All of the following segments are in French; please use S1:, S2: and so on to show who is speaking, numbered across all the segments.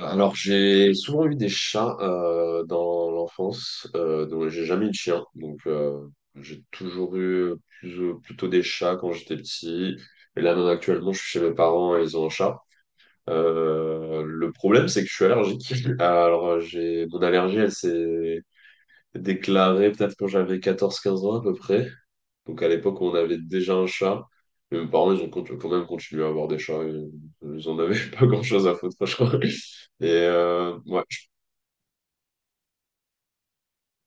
S1: Alors, j'ai souvent eu des chats dans l'enfance, donc j'ai jamais eu de chien. Donc, j'ai toujours eu plutôt des chats quand j'étais petit. Et là, même actuellement, je suis chez mes parents et ils ont un chat. Le problème, c'est que je suis allergique. Alors, j'ai mon allergie, elle s'est déclarée peut-être quand j'avais 14-15 ans à peu près. Donc, à l'époque, on avait déjà un chat. Mais mes parents, ils ont quand même continué à avoir des chats. Ils en avaient pas grand-chose à foutre, franchement. Et ouais,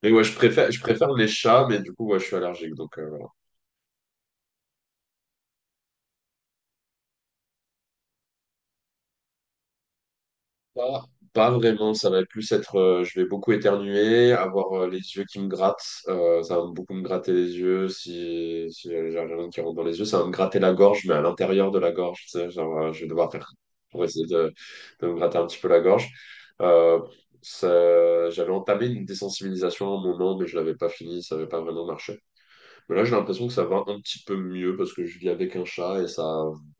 S1: mais ouais, je préfère les chats, mais du coup, ouais, je suis allergique, donc voilà. Pas, pas vraiment, ça va plus être, je vais beaucoup éternuer, avoir les yeux qui me grattent, ça va beaucoup me gratter les yeux, si j'ai rien qui rentre dans les yeux, ça va me gratter la gorge, mais à l'intérieur de la gorge, tu sais, genre, je vais devoir faire, pour essayer de me gratter un petit peu la gorge. Euh, J'avais entamé une désensibilisation à un moment, mais je l'avais pas fini, ça n'avait pas vraiment marché. Mais là, j'ai l'impression que ça va un petit peu mieux parce que je vis avec un chat et ça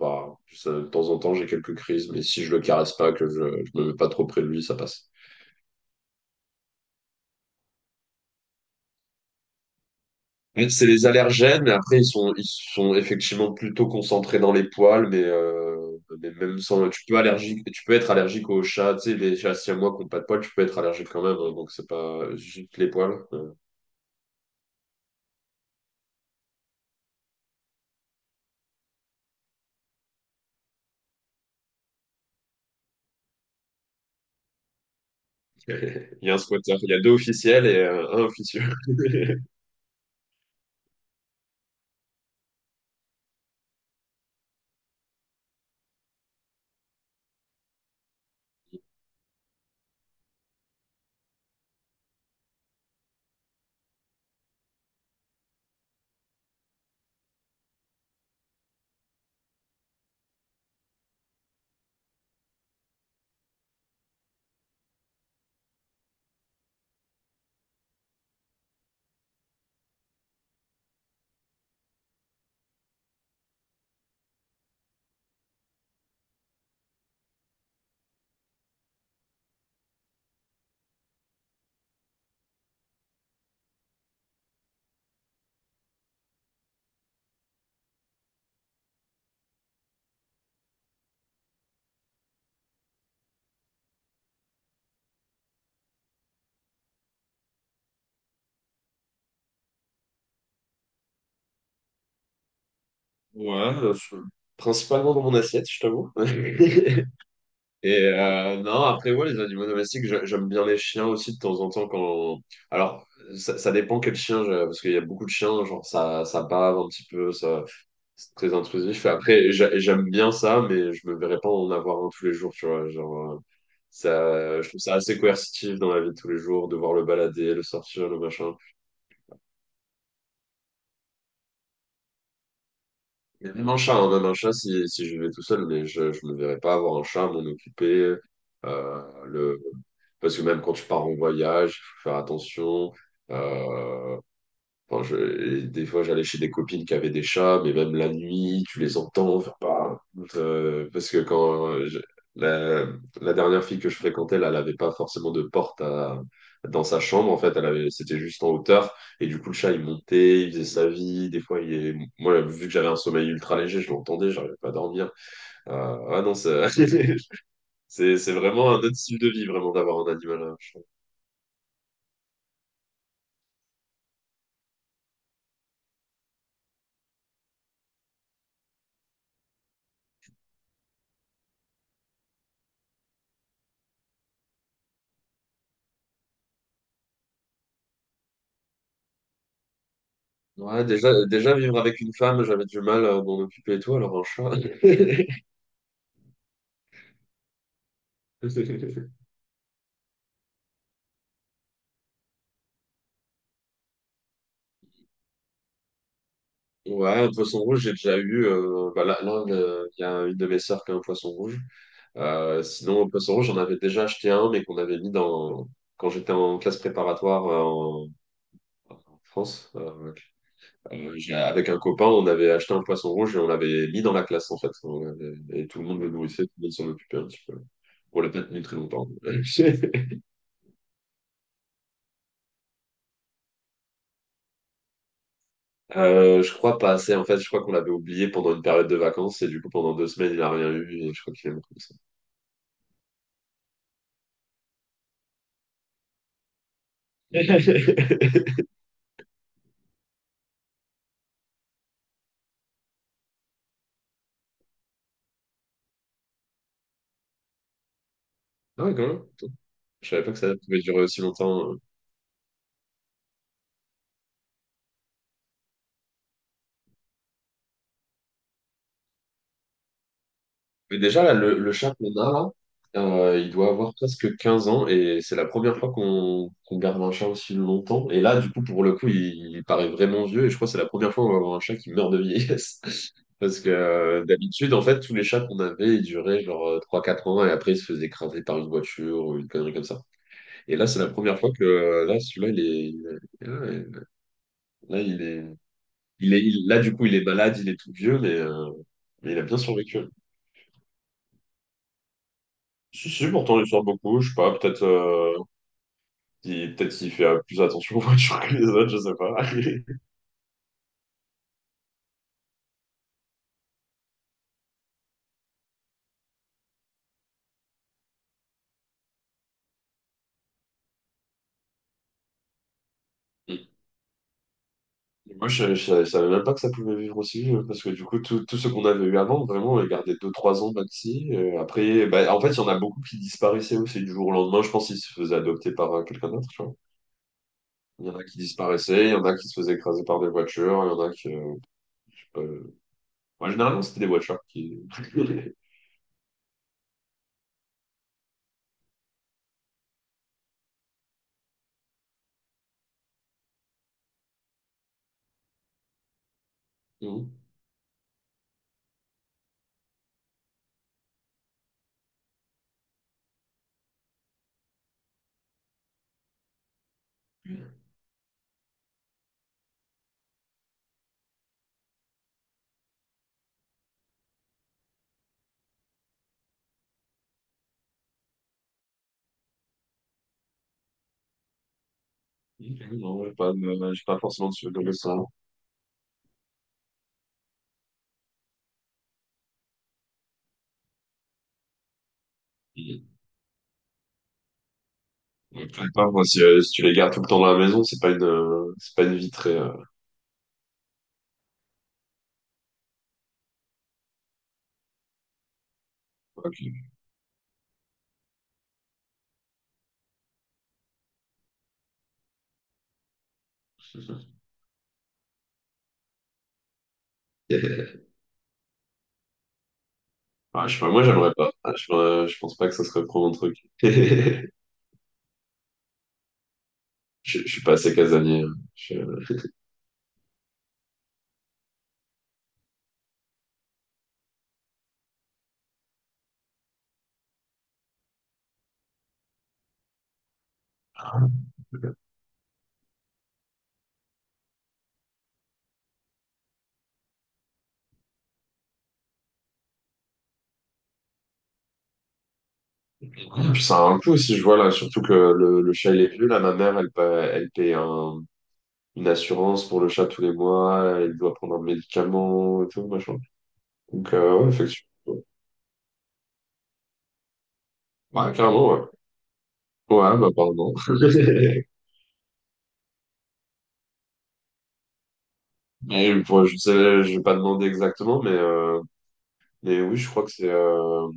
S1: va. De temps en temps, j'ai quelques crises, mais si je le caresse pas, que je me mets pas trop près de lui, ça passe. Mais c'est les allergènes, mais après, ils sont effectivement plutôt concentrés dans les poils, mais même sans. Tu peux, allergique, tu peux être allergique aux chats, tu sais, les chats siamois qui n'ont pas de poils, tu peux être allergique quand même, hein, donc c'est pas juste les poils. Il y a un squatter, il y a deux officiels et un officieux. Ouais, principalement dans mon assiette, je t'avoue. Et non, après, ouais, les animaux domestiques, j'aime bien les chiens aussi de temps en temps quand. Alors, ça dépend quel chien, parce qu'il y a beaucoup de chiens, genre ça, ça bave un petit peu, ça, c'est très intrusif. Après, j'aime bien ça, mais je me verrais pas en avoir un tous les jours, tu vois. Genre, ça, je trouve ça assez coercitif dans la vie de tous les jours, devoir le balader, le sortir, le machin. Mais même un chat, hein, même un chat si je vais tout seul, mais je me verrais pas avoir un chat, m'en occuper. euh, le... Parce que même quand tu pars en voyage, il faut faire attention. euh, enfin, et des fois, j'allais chez des copines qui avaient des chats, mais même la nuit, tu les entends. Enfin, parce que quand je- la, la dernière fille que je fréquentais, là, elle n'avait pas forcément de porte dans sa chambre. En fait, elle avait, c'était juste en hauteur. Et du coup, le chat, il montait, il faisait sa vie. Des fois, il est... Moi, vu que j'avais un sommeil ultra léger, je l'entendais, j'arrivais pas à dormir. Ah non, c'est vraiment un autre style de vie, vraiment, d'avoir un animal, un chat. Ouais, déjà, vivre avec une femme, j'avais du mal à m'en occuper et tout, alors un chat. Ouais, un poisson rouge, j'ai déjà eu. Bah là, il y a une de mes sœurs qui a un poisson rouge. Sinon, un poisson rouge, j'en avais déjà acheté un, mais qu'on avait mis dans quand j'étais en classe préparatoire en France. Avec un copain, on avait acheté un poisson rouge et on l'avait mis dans la classe en fait. Et tout le monde le nourrissait, tout le monde s'en occupait un petit peu. On l'a peut-être très longtemps. Je crois pas assez. En fait, je crois qu'on l'avait oublié pendant une période de vacances et du coup, pendant 2 semaines, il a rien eu et je crois qu'il est mort comme ça. Ah ouais, quand même. Je savais pas que ça pouvait durer aussi longtemps. Mais déjà, là, le chat qu'on a, là, il doit avoir presque 15 ans et c'est la première fois qu'on garde un chat aussi longtemps. Et là, du coup, pour le coup, il paraît vraiment vieux et je crois que c'est la première fois qu'on va avoir un chat qui meurt de vieillesse. Parce que d'habitude, en fait, tous les chats qu'on avait, ils duraient genre 3-4 ans et après, ils se faisaient écraser par une voiture ou une connerie comme ça. Et là, c'est la première fois que là, celui-là, est- là, du coup, il est malade, il est tout vieux, mais il a bien survécu. Si, si, pourtant, il sort beaucoup. Je sais pas, peut-être peut-être qu'il fait plus attention aux voitures que les autres, je sais pas. Et moi, je savais même pas que ça pouvait vivre aussi, parce que du coup, tout ce qu'on avait eu avant, vraiment, on les gardait deux trois ans maxi. Après, bah, en fait, il y en a beaucoup qui disparaissaient aussi du jour au lendemain. Je pense qu'ils se faisaient adopter par quelqu'un d'autre, tu vois. Il y en a qui disparaissaient, il y en a qui se faisaient écraser par des voitures, il y en a qui. Je sais pas. Moi, généralement, c'était des voitures qui. Non, non, ouais, pas, de- j'ai pas forcément de souvenir de ça. Ouais, peut-être pas, moi, si, si tu les gardes tout le temps dans la maison, c'est pas une vie très. Ok. Ouais, je sais pas, moi, j'aimerais pas. Ah, Je pense pas que ça serait trop mon truc. Je suis pas assez casanier, hein. Puis ça a un coût aussi, je vois là, surtout que le chat il est vieux. Là, ma mère, elle paye une assurance pour le chat tous les mois. Elle doit prendre un médicament et tout, machin. Donc, ouais, effectivement. Ouais, carrément, ouais. Ouais, bah, pardon. Mais, bon, je sais, je vais pas demander exactement, mais. Et oui, je crois que c'est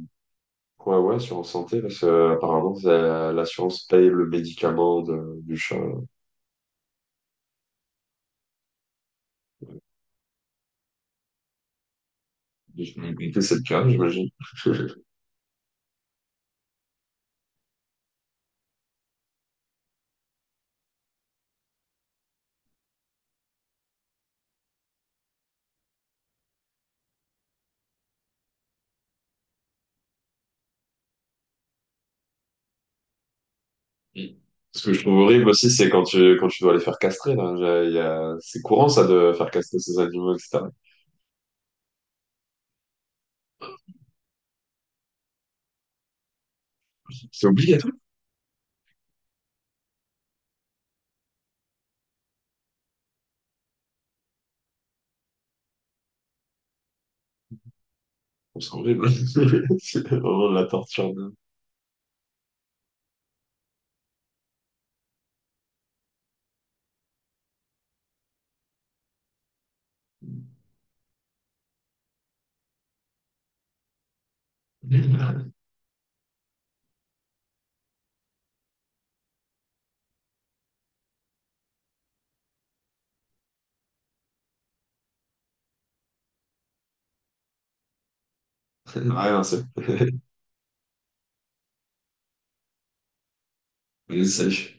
S1: ouais, ouais, assurance santé, parce que apparemment, l'assurance paye le médicament du chat. J'ai compris, c'est le cas, j'imagine. Ce que je trouve horrible aussi, c'est quand tu dois les faire castrer, là. C'est courant, ça, de faire castrer ces animaux, etc. C'est obligatoire. C'est horrible. C'est vraiment de la torture. Ah, ouais, non, c'est. Salut.